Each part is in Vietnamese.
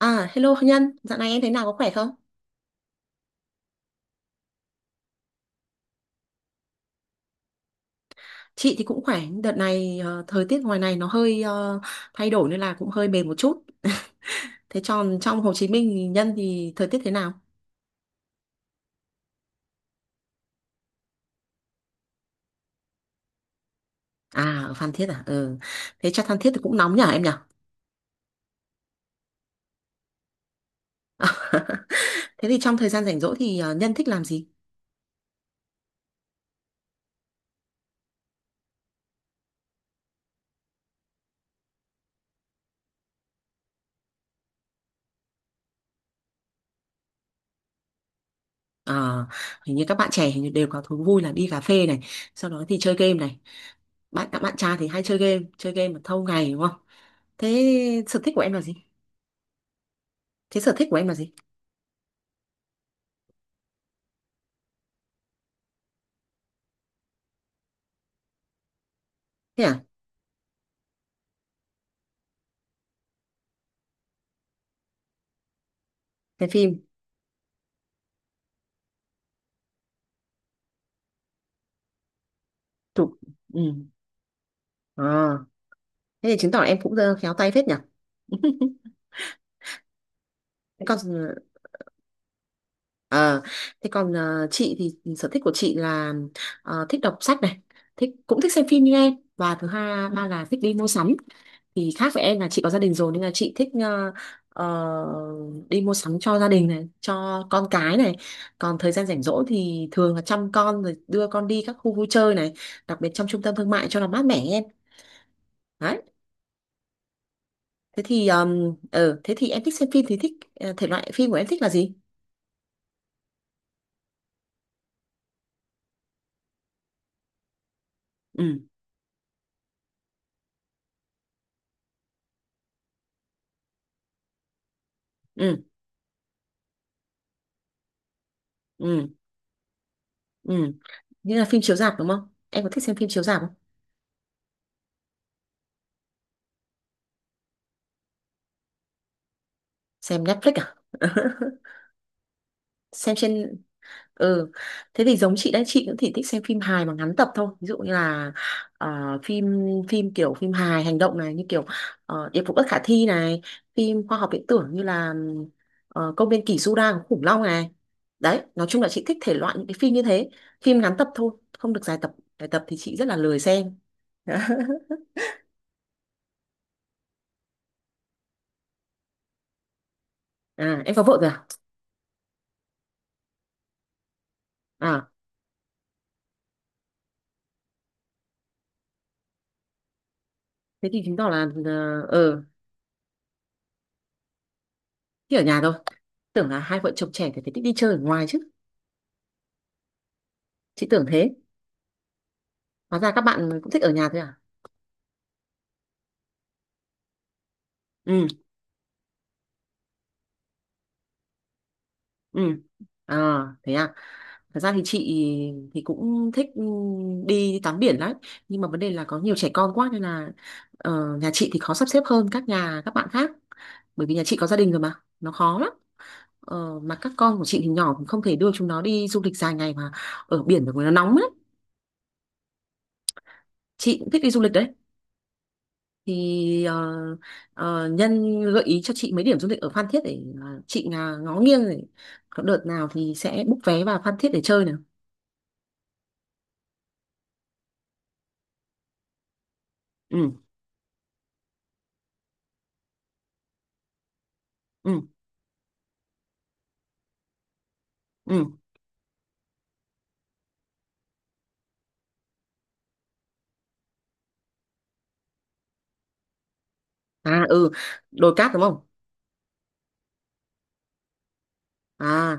À, hello Nhân, dạo này em thế nào có khỏe không? Chị thì cũng khỏe, đợt này thời tiết ngoài này nó hơi thay đổi nên là cũng hơi mệt một chút. Thế tròn trong Hồ Chí Minh thì Nhân thì thời tiết thế nào? À, ở Phan Thiết à? Ừ. Thế chắc Phan Thiết thì cũng nóng nhở em nhở? Thế thì trong thời gian rảnh rỗi thì Nhân thích làm gì? Ờ, hình như các bạn trẻ hình như đều có thú vui là đi cà phê này, sau đó thì chơi game này. Bạn các bạn trai thì hay chơi game mà thâu ngày đúng không? Thế sở thích của em là gì? Thế sở thích của em là gì? Thế à? Xem phim. Chụp. Ừ. À, thế thì chứng tỏ là em cũng khéo tay phết nhỉ. Thế còn ờ, chị thì sở thích của chị là thích đọc sách này, thích cũng thích xem phim như em và thứ hai ba là thích đi mua sắm. Thì khác với em là chị có gia đình rồi nên là chị thích đi mua sắm cho gia đình này, cho con cái này. Còn thời gian rảnh rỗi thì thường là chăm con rồi đưa con đi các khu vui chơi này, đặc biệt trong trung tâm thương mại cho nó mát mẻ em. Đấy. Thế thì em thích xem phim thì thích thể loại phim của em thích là gì. Ừ, ừ, ừ, ừ. Như là phim chiếu rạp đúng không, em có thích xem phim chiếu rạp không? Xem Netflix à? Xem trên. Ừ. Thế thì giống chị đấy, chị cũng thì thích xem phim hài mà ngắn tập thôi, ví dụ như là ờ, phim phim kiểu phim hài hành động này, như kiểu Điệp vụ bất khả thi này, phim khoa học viễn tưởng như là công viên kỷ Su Đa của khủng long này. Đấy nói chung là chị thích thể loại những cái phim như thế, phim ngắn tập thôi, không được dài tập, dài tập thì chị rất là lười xem. À em có vợ rồi à? À thế thì chứng tỏ là thích ở nhà thôi. Tưởng là hai vợ chồng trẻ thì phải thích đi chơi ở ngoài chứ, chị tưởng thế, hóa ra các bạn cũng thích ở nhà thôi à? Ừ, ừ. À thế à? Thật ra thì chị thì cũng thích, ừ, đi tắm biển lắm nhưng mà vấn đề là có nhiều trẻ con quá nên là nhà chị thì khó sắp xếp hơn các nhà các bạn khác, bởi vì nhà chị có gia đình rồi mà, nó khó lắm. Ờ, mà các con của chị thì nhỏ cũng không thể đưa chúng nó đi du lịch dài ngày mà ở biển thì nó nóng lắm. Chị cũng thích đi du lịch đấy, thì Nhân gợi ý cho chị mấy điểm du lịch ở Phan Thiết để chị à, ngó nghiêng để có đợt nào thì sẽ book vé vào Phan Thiết để chơi nào. Ừ, ừ, ừ. À, ừ, đồi cát đúng không? À,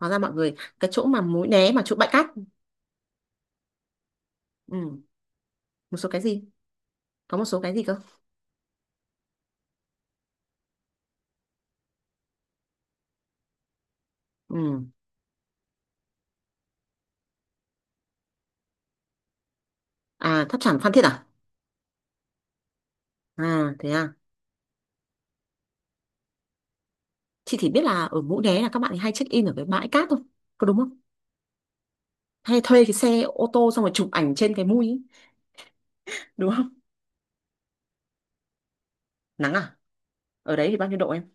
hóa ra mọi người cái chỗ mà Mũi Né mà chỗ bãi cát. Ừ, một số cái gì? Có một số cái gì cơ? Ừ. À, tháp chảm Phan Thiết à? À thế à? Chị chỉ biết là ở Mũi Né là các bạn ấy hay check in ở cái bãi cát thôi, có đúng không, hay thuê cái xe ô tô xong rồi chụp ảnh trên cái mui ấy, đúng không? Nắng à? Ở đấy thì bao nhiêu độ em?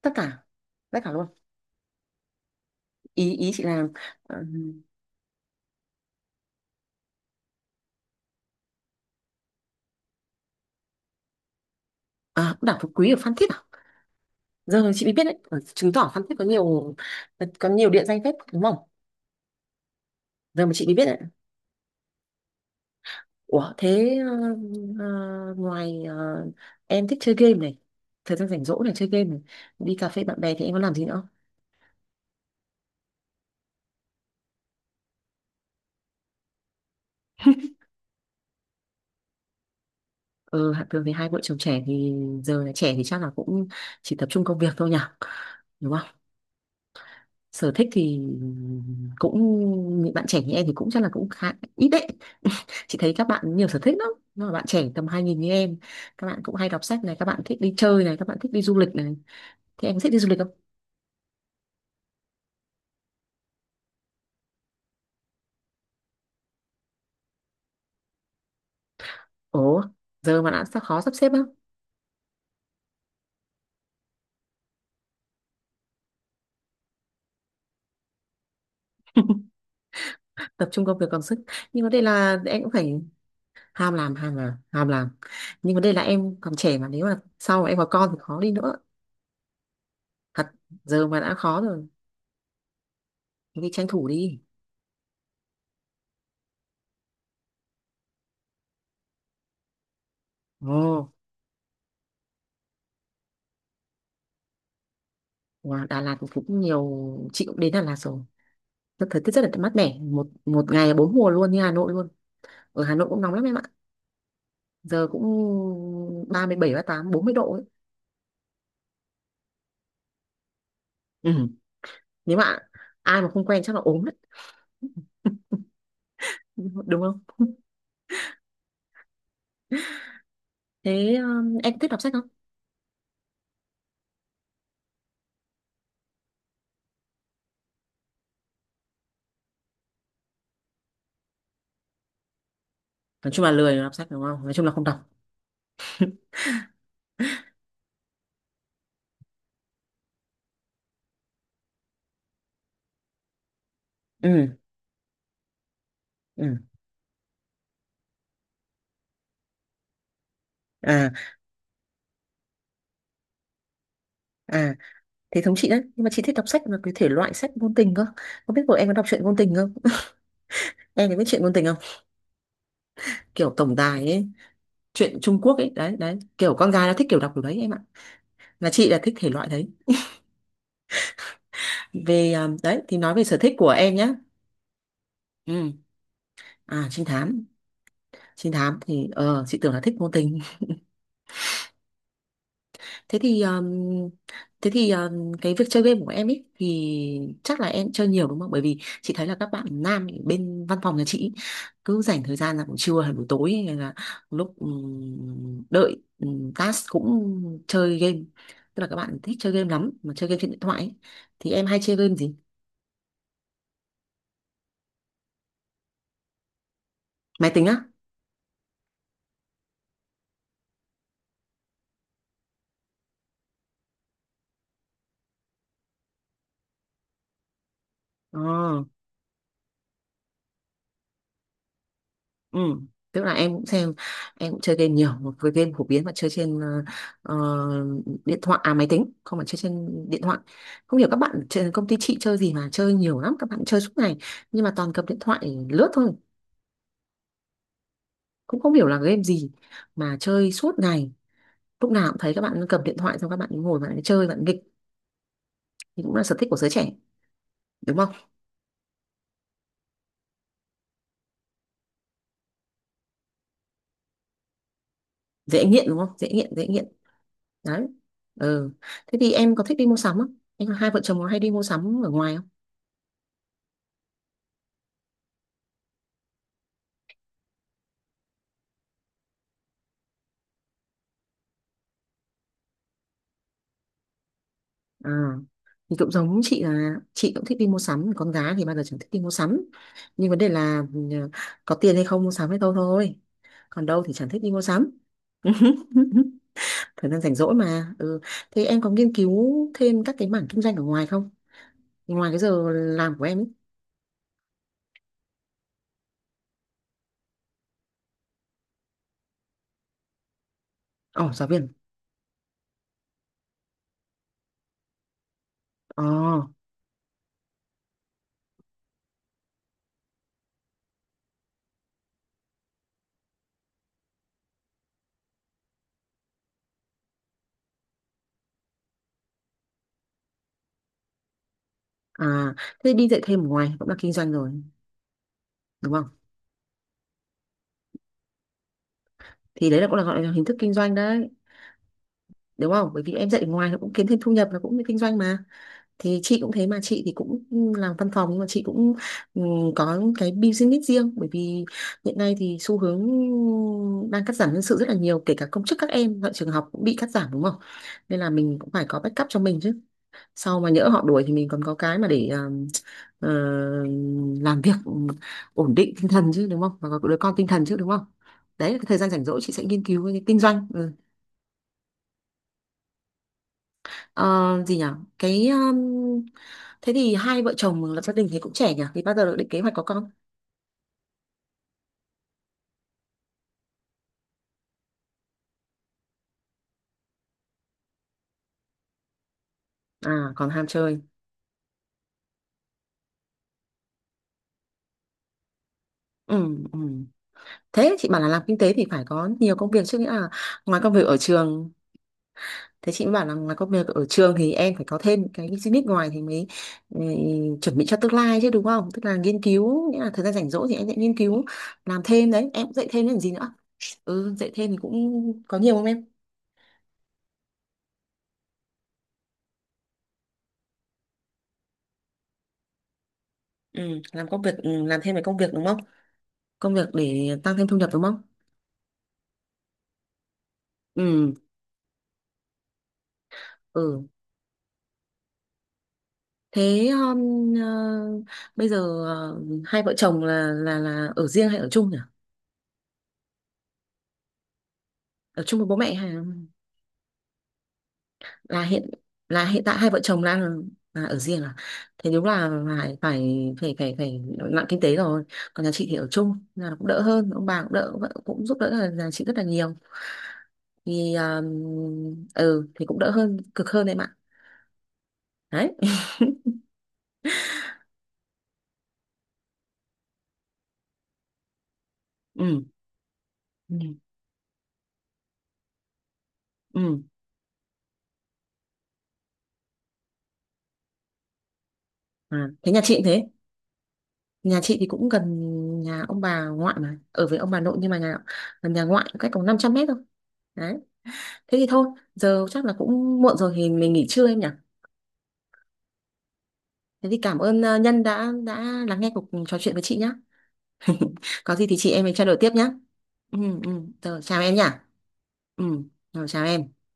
Tất cả, tất cả luôn, ý ý chị là ờ, à đảo Phú Quý ở Phan Thiết à? Giờ chị mới biết đấy. Ờ, chứng tỏ Phan Thiết có nhiều, có nhiều địa danh phết đúng không? Giờ mà chị mới biết đấy. Ủa thế ngoài em thích chơi game này, thời gian rảnh rỗi này chơi game này, đi cà phê bạn bè thì em có làm gì nữa? Ừ, hạt thường thì hai vợ chồng trẻ thì giờ là trẻ thì chắc là cũng chỉ tập trung công việc thôi nhỉ, đúng không? Sở thích thì cũng những bạn trẻ như em thì cũng chắc là cũng khá ít đấy. Chị thấy các bạn nhiều sở thích lắm, nhưng mà bạn trẻ tầm 2000 như em, các bạn cũng hay đọc sách này, các bạn thích đi chơi này, các bạn thích đi du lịch này. Thì em có thích đi du lịch không? Ủa, giờ mà đã sao khó sắp xếp á? Tập trung công việc còn sức, nhưng vấn đề là em cũng phải ham làm, ham làm, ham làm. Nhưng vấn đề là em còn trẻ mà nếu mà sau mà em có con thì khó đi nữa thật. Giờ mà đã khó rồi thì tranh thủ đi. Ồ, wow, Đà Lạt thì cũng nhiều, chị cũng đến Đà Lạt rồi. Rất- thời tiết rất là mát mẻ, một một ngày bốn mùa luôn, như Hà Nội luôn. Ở Hà Nội cũng nóng lắm em ạ, giờ cũng 37 38 40 độ ấy. Ừ. Nếu mà ai mà không quen chắc là ốm đấy, đúng không? Thế em thích đọc sách. Nói chung là lười đọc sách đúng không? Nói chung là không đọc. Ừ, ừ. À, à thế thống chị đấy, nhưng mà chị thích đọc sách là cái thể loại sách ngôn tình cơ, không biết của em có đọc truyện ngôn tình không? Em có biết truyện ngôn tình không? Kiểu tổng tài ấy, truyện Trung Quốc ấy, đấy đấy kiểu con gái nó thích kiểu đọc kiểu đấy em ạ, là chị là thích thể loại đấy. Về à, đấy thì nói về sở thích của em nhé. Ừ, à trinh thám. Trinh thám thì ờ chị tưởng là thích ngôn tình. Thế thì cái việc chơi game của em ấy thì chắc là em chơi nhiều đúng không? Bởi vì chị thấy là các bạn nam ở bên văn phòng nhà chị ý, cứ dành thời gian là buổi trưa hay buổi tối hay là lúc đợi task cũng chơi game. Tức là các bạn thích chơi game lắm mà chơi game trên điện thoại ấy. Thì em hay chơi game gì? Máy tính á? Ờ. Ừ. Tức là em cũng xem, em cũng chơi game nhiều một cái game phổ biến mà chơi trên ờ, điện thoại à, máy tính không phải chơi trên điện thoại. Không hiểu các bạn trên công ty chị chơi gì mà chơi nhiều lắm, các bạn chơi suốt ngày nhưng mà toàn cầm điện thoại lướt thôi, cũng không hiểu là game gì mà chơi suốt ngày. Lúc nào cũng thấy các bạn cầm điện thoại xong các bạn ấy ngồi bạn ấy chơi bạn ấy nghịch, thì cũng là sở thích của giới trẻ đúng không. Dễ nghiện đúng không, dễ nghiện, dễ nghiện. Đấy. Ừ. Thế thì em có thích đi mua sắm không, em hai vợ chồng có hay đi mua sắm ở ngoài không? À, thì cũng giống chị là chị cũng thích đi mua sắm, con gái thì bao giờ chẳng thích đi mua sắm, nhưng vấn đề là ừ, có tiền hay không mua sắm hay đâu thôi, còn đâu thì chẳng thích đi mua sắm. Thời gian rảnh rỗi mà ừ. Thế em có nghiên cứu thêm các cái mảng kinh doanh ở ngoài không, ngoài cái giờ làm của em ấy? Ồ giáo viên. Ồ. À thế đi dạy thêm ở ngoài cũng là kinh doanh rồi, đúng không? Thì đấy là cũng là gọi là hình thức kinh doanh đấy, đúng không, bởi vì em dạy ở ngoài nó cũng kiếm thêm thu nhập, nó cũng là kinh doanh mà. Thì chị cũng thế mà, chị thì cũng làm văn phòng nhưng mà chị cũng có cái business riêng, bởi vì hiện nay thì xu hướng đang cắt giảm nhân sự rất là nhiều, kể cả công chức các em tại trường học cũng bị cắt giảm đúng không, nên là mình cũng phải có backup cho mình chứ. Sau mà nhỡ họ đuổi thì mình còn có cái mà để ờ, làm việc, ổn định tinh thần chứ đúng không, và có đứa con tinh thần chứ đúng không. Đấy là cái thời gian rảnh rỗi chị sẽ nghiên cứu cái kinh doanh. Ừ. Ờ, gì nhỉ, cái thế thì hai vợ chồng lập gia đình thì cũng trẻ nhỉ, thì bao giờ được định kế hoạch có con? À còn ham chơi. Ừ, ừ. Thế chị bảo là làm kinh tế thì phải có nhiều công việc chứ, nghĩa là ngoài công việc ở trường, thế chị mới bảo là ngoài công việc ở trường thì em phải có thêm cái business ngoài thì mới ừ, chuẩn bị cho tương lai chứ đúng không, tức là nghiên cứu, nghĩa là thời gian rảnh rỗi thì em sẽ nghiên cứu làm thêm đấy, em cũng dạy thêm làm gì nữa. Ừ, dạy thêm thì cũng có nhiều không em? Ừ làm công việc ừ, làm thêm về công việc đúng không, công việc để tăng thêm thu nhập đúng không. Ừ. Ừ. Thế bây giờ hai vợ chồng là ở riêng hay ở chung nhỉ, ở chung với bố mẹ hay là hiện, là hiện tại hai vợ chồng đang là ở riêng à? Thế đúng là phải phải phải phải phải nặng kinh tế rồi. Còn nhà chị thì ở chung là cũng đỡ hơn, ông bà cũng đỡ, vợ cũng giúp đỡ là nhà chị rất là nhiều, thì ừ thì cũng đỡ hơn cực hơn em ạ. Đấy. Ừ, ừ, ừ. À, thế nhà chị cũng thế, nhà chị thì cũng gần nhà ông bà ngoại mà ở với ông bà nội nhưng mà nhà gần nhà ngoại cách có 500 mét thôi. Đấy. Thế thì thôi, giờ chắc là cũng muộn rồi thì mình nghỉ trưa em nhỉ. Thế thì cảm ơn Nhân đã lắng nghe cuộc trò chuyện với chị nhá. Có gì thì chị em mình trao đổi tiếp nhá. Ừ, ừ. Giờ chào em nhỉ. Ừ, rồi chào em.